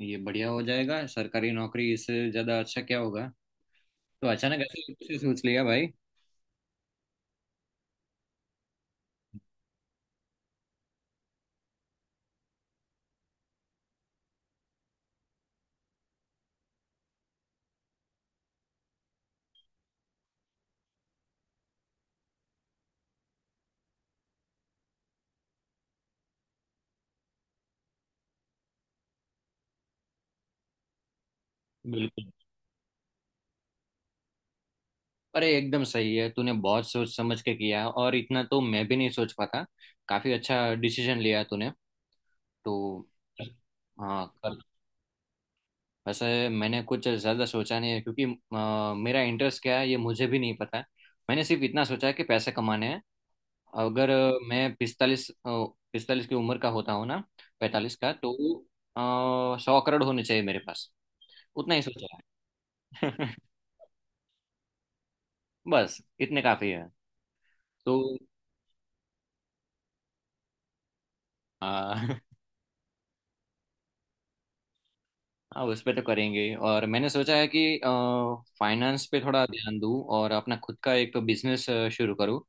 ये बढ़िया हो जाएगा। सरकारी नौकरी इससे ज्यादा अच्छा क्या होगा। तो अचानक ऐसे कैसे सोच लिया भाई? बिल्कुल। अरे एकदम सही है, तूने बहुत सोच समझ के किया, और इतना तो मैं भी नहीं सोच पाता। काफी अच्छा डिसीजन लिया तूने। तो हाँ, कर। वैसे मैंने कुछ ज़्यादा सोचा नहीं है, क्योंकि मेरा इंटरेस्ट क्या है ये मुझे भी नहीं पता है। मैंने सिर्फ इतना सोचा है कि पैसे कमाने हैं। अगर मैं 45 45 की उम्र का होता हूँ ना, 45 का, तो 100 करोड़ होने चाहिए मेरे पास। उतना ही सोचा है। बस इतने काफी है। तो आ, हाँ, उस पे तो करेंगे। और मैंने सोचा है कि फाइनेंस पे थोड़ा ध्यान दूँ और अपना खुद का एक बिजनेस शुरू करूँ।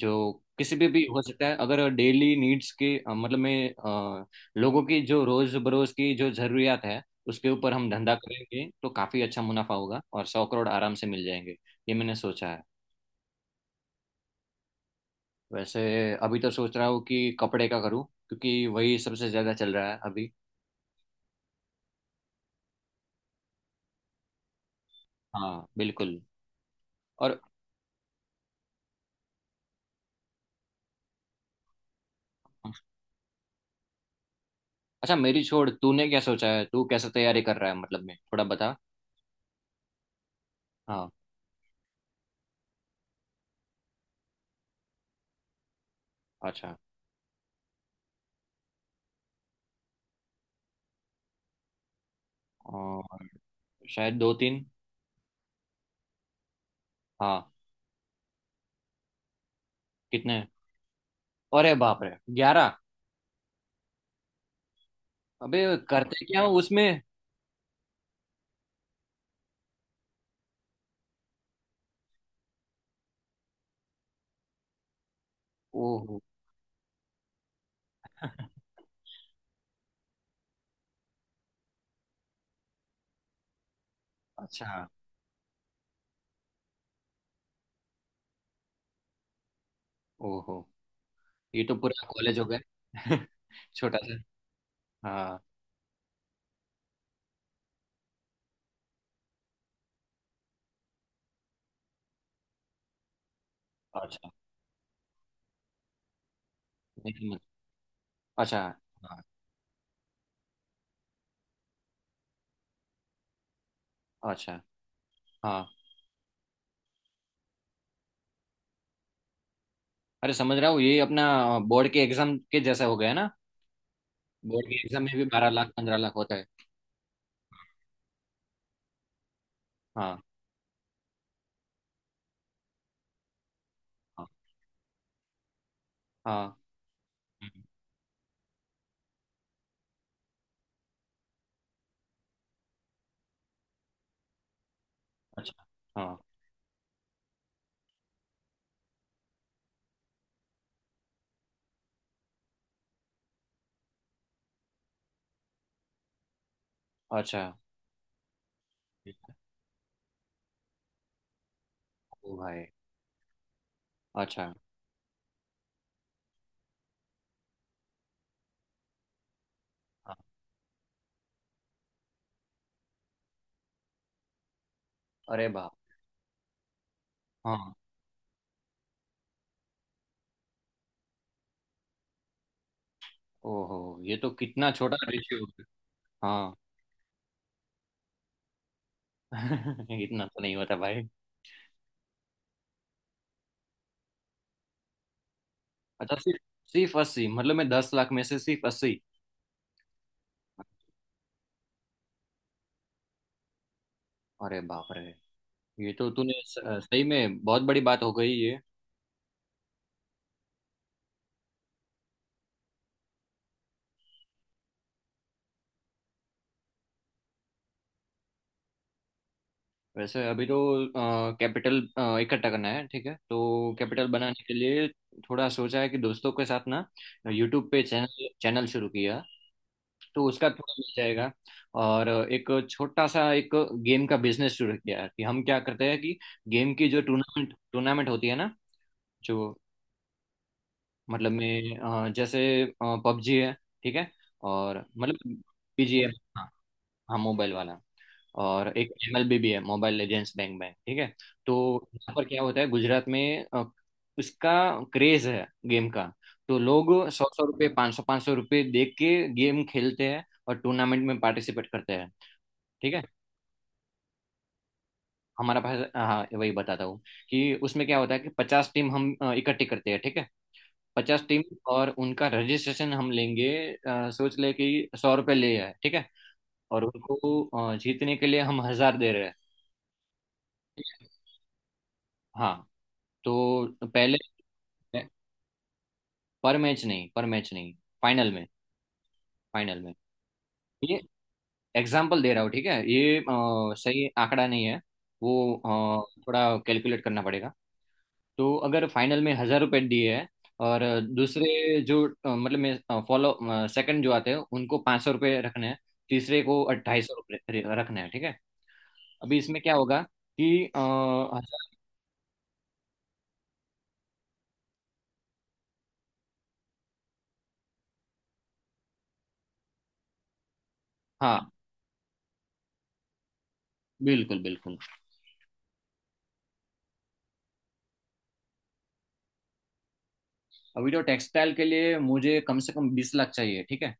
जो किसी पे भी हो सकता है। अगर डेली नीड्स के अ, लोगों की जो रोज बरोज की जो जरूरियात है उसके ऊपर हम धंधा करेंगे, तो काफी अच्छा मुनाफा होगा, और 100 करोड़ आराम से मिल जाएंगे। ये मैंने सोचा है। वैसे अभी तो सोच रहा हूँ कि कपड़े का करूँ, क्योंकि वही सबसे ज्यादा चल रहा है अभी। हाँ बिल्कुल। और अच्छा, मेरी छोड़, तूने क्या सोचा है? तू कैसे तैयारी कर रहा है, मतलब मैं, थोड़ा बता। हाँ। अच्छा। और शायद 2 3। हाँ। कितने? अरे बाप रे, 11! अबे, करते क्या हो उसमें? ओहो। अच्छा। ओहो, ये तो पूरा कॉलेज हो गया। छोटा सा। हाँ। अच्छा। नहीं समझ। अच्छा। हाँ। अच्छा। हाँ। अरे समझ रहा हूँ, ये अपना बोर्ड के एग्जाम के जैसा हो गया ना। बोर्ड के एग्जाम में भी 12 लाख 15 लाख होता है। हाँ। हाँ। हाँ। हम्म, अच्छा। हाँ। अच्छा। ओ भाई। अच्छा। हाँ। अरे बाप। हाँ। ओहो, ये तो कितना छोटा रेशियो। हाँ। इतना तो नहीं होता भाई। अच्छा, सिर्फ? सिर्फ 80, मतलब मैं 10 लाख में से सिर्फ अस्सी? अरे बाप रे, ये तो तूने सही में बहुत बड़ी बात हो गई ये। वैसे अभी तो कैपिटल इकट्ठा करना है, ठीक है, तो कैपिटल बनाने के लिए थोड़ा सोचा है कि दोस्तों के साथ ना, यूट्यूब पे चैनल चैनल शुरू किया, तो उसका थोड़ा मिल जाएगा। और एक छोटा सा एक गेम का बिजनेस शुरू किया है। कि हम क्या करते हैं कि गेम की जो टूर्नामेंट टूर्नामेंट होती है ना, जो मतलब में, जैसे पबजी है, ठीक है, और मतलब बीजीए, हाँ हाँ मोबाइल वाला। और एक एमएलबी L B, Mobile Legends Bang Bang, ठीक है। तो यहाँ पर क्या होता है, गुजरात में उसका क्रेज है गेम का, तो लोग सौ सौ रुपये, पाँच सौ रुपये दे के गेम खेलते हैं और टूर्नामेंट में पार्टिसिपेट करते हैं, ठीक है। हमारा पास, हाँ वही बताता हूँ कि उसमें क्या होता है कि 50 टीम हम इकट्ठी करते हैं, ठीक है, 50 टीम, और उनका रजिस्ट्रेशन हम लेंगे। सोच ले कि 100 रुपये ले आए, ठीक है, और उनको जीतने के लिए हम 1000 दे रहे हैं, ठीक है? हाँ। तो पहले, पर मैच नहीं, पर मैच नहीं, फाइनल में, फाइनल में। ये एग्जाम्पल दे रहा हूँ, ठीक है, ये सही आंकड़ा नहीं है, वो थोड़ा कैलकुलेट करना पड़ेगा। तो अगर फाइनल में 1000 रुपए दिए हैं, और दूसरे जो, अ, मतलब मैं फॉलो सेकंड जो आते हैं उनको 500 रुपये रखने हैं, तीसरे को 250 रुपये रखने हैं, ठीक है। अभी इसमें क्या होगा कि हजार। हाँ बिल्कुल बिल्कुल। अभी तो टेक्सटाइल के लिए मुझे कम से कम 20 लाख चाहिए, ठीक है,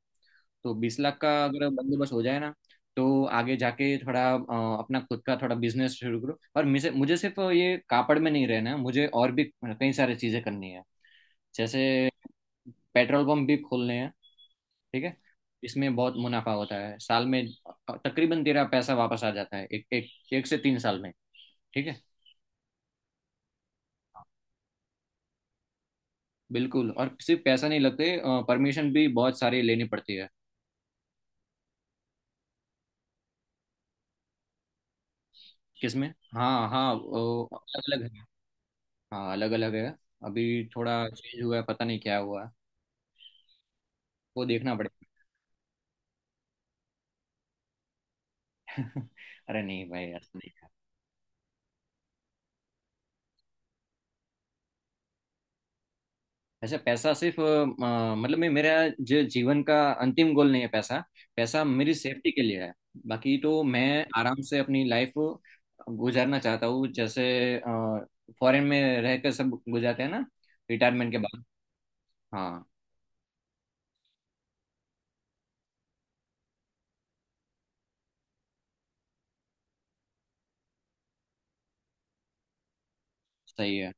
तो 20 लाख का अगर बंदोबस्त हो जाए ना, तो आगे जाके थोड़ा अपना खुद का थोड़ा बिजनेस शुरू करो। और मुझे मुझे सिर्फ ये कापड़ में नहीं रहना है, मुझे और भी कई सारी चीजें करनी है। जैसे पेट्रोल पंप भी खोलने हैं, ठीक है। इसमें बहुत मुनाफा होता है साल में, तकरीबन तेरा पैसा वापस आ जाता है एक एक एक से 3 साल में, ठीक है। बिल्कुल, और सिर्फ पैसा नहीं लगते, परमिशन भी बहुत सारी लेनी पड़ती है। किसमें? हाँ हाँ, अलग अलग है। हाँ अलग अलग है। अभी थोड़ा चेंज हुआ है, पता नहीं क्या हुआ है, वो देखना पड़ेगा। अरे नहीं भाई, ऐसा नहीं। ऐसे पैसा सिर्फ मतलब मैं, मेरा जो जीवन का अंतिम गोल नहीं है पैसा, पैसा मेरी सेफ्टी के लिए है। बाकी तो मैं आराम से अपनी लाइफ गुजारना चाहता हूँ, जैसे फॉरेन में रह कर सब गुजारते हैं ना, रिटायरमेंट के बाद। हाँ। सही है।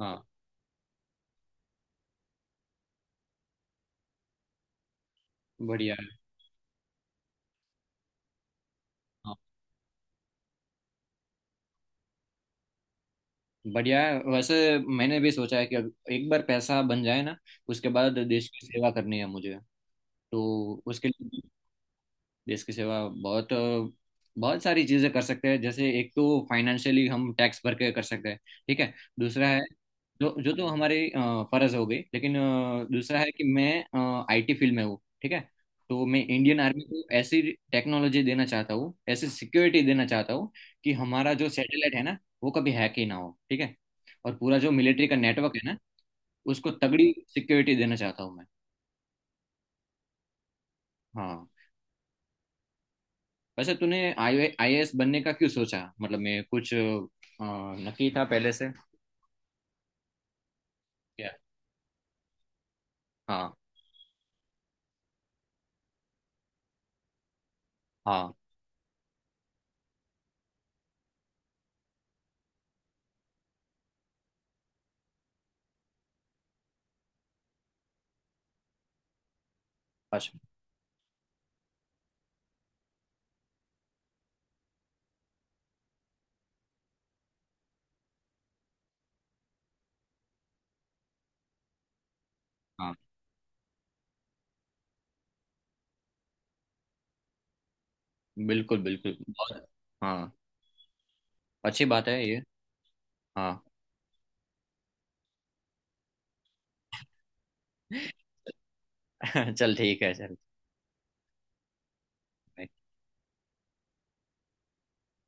हाँ बढ़िया है। हाँ बढ़िया है। वैसे मैंने भी सोचा है कि अब एक बार पैसा बन जाए ना, उसके बाद देश की सेवा करनी है मुझे। तो उसके लिए, देश की सेवा, बहुत बहुत सारी चीजें कर सकते हैं। जैसे एक तो फाइनेंशियली हम टैक्स भर के कर सकते हैं, ठीक है। दूसरा है, जो जो तो हमारे फर्ज हो गई, लेकिन दूसरा है कि मैं आईटी फील्ड में हूँ, ठीक है। तो मैं इंडियन आर्मी को ऐसी टेक्नोलॉजी देना चाहता हूँ, ऐसी सिक्योरिटी देना चाहता हूँ कि हमारा जो सैटेलाइट है ना, वो कभी हैक ही ना हो, ठीक है। और पूरा जो मिलिट्री का नेटवर्क है ना, उसको तगड़ी सिक्योरिटी देना चाहता हूँ मैं। हाँ। वैसे तूने आई आईएएस बनने का क्यों सोचा, मतलब मैं कुछ, नक्की था पहले से? क्या? हाँ। हाँ। अच्छा। हाँ बिल्कुल बिल्कुल, बहुत। हाँ, अच्छी बात है ये। हाँ। चल ठीक है। चल।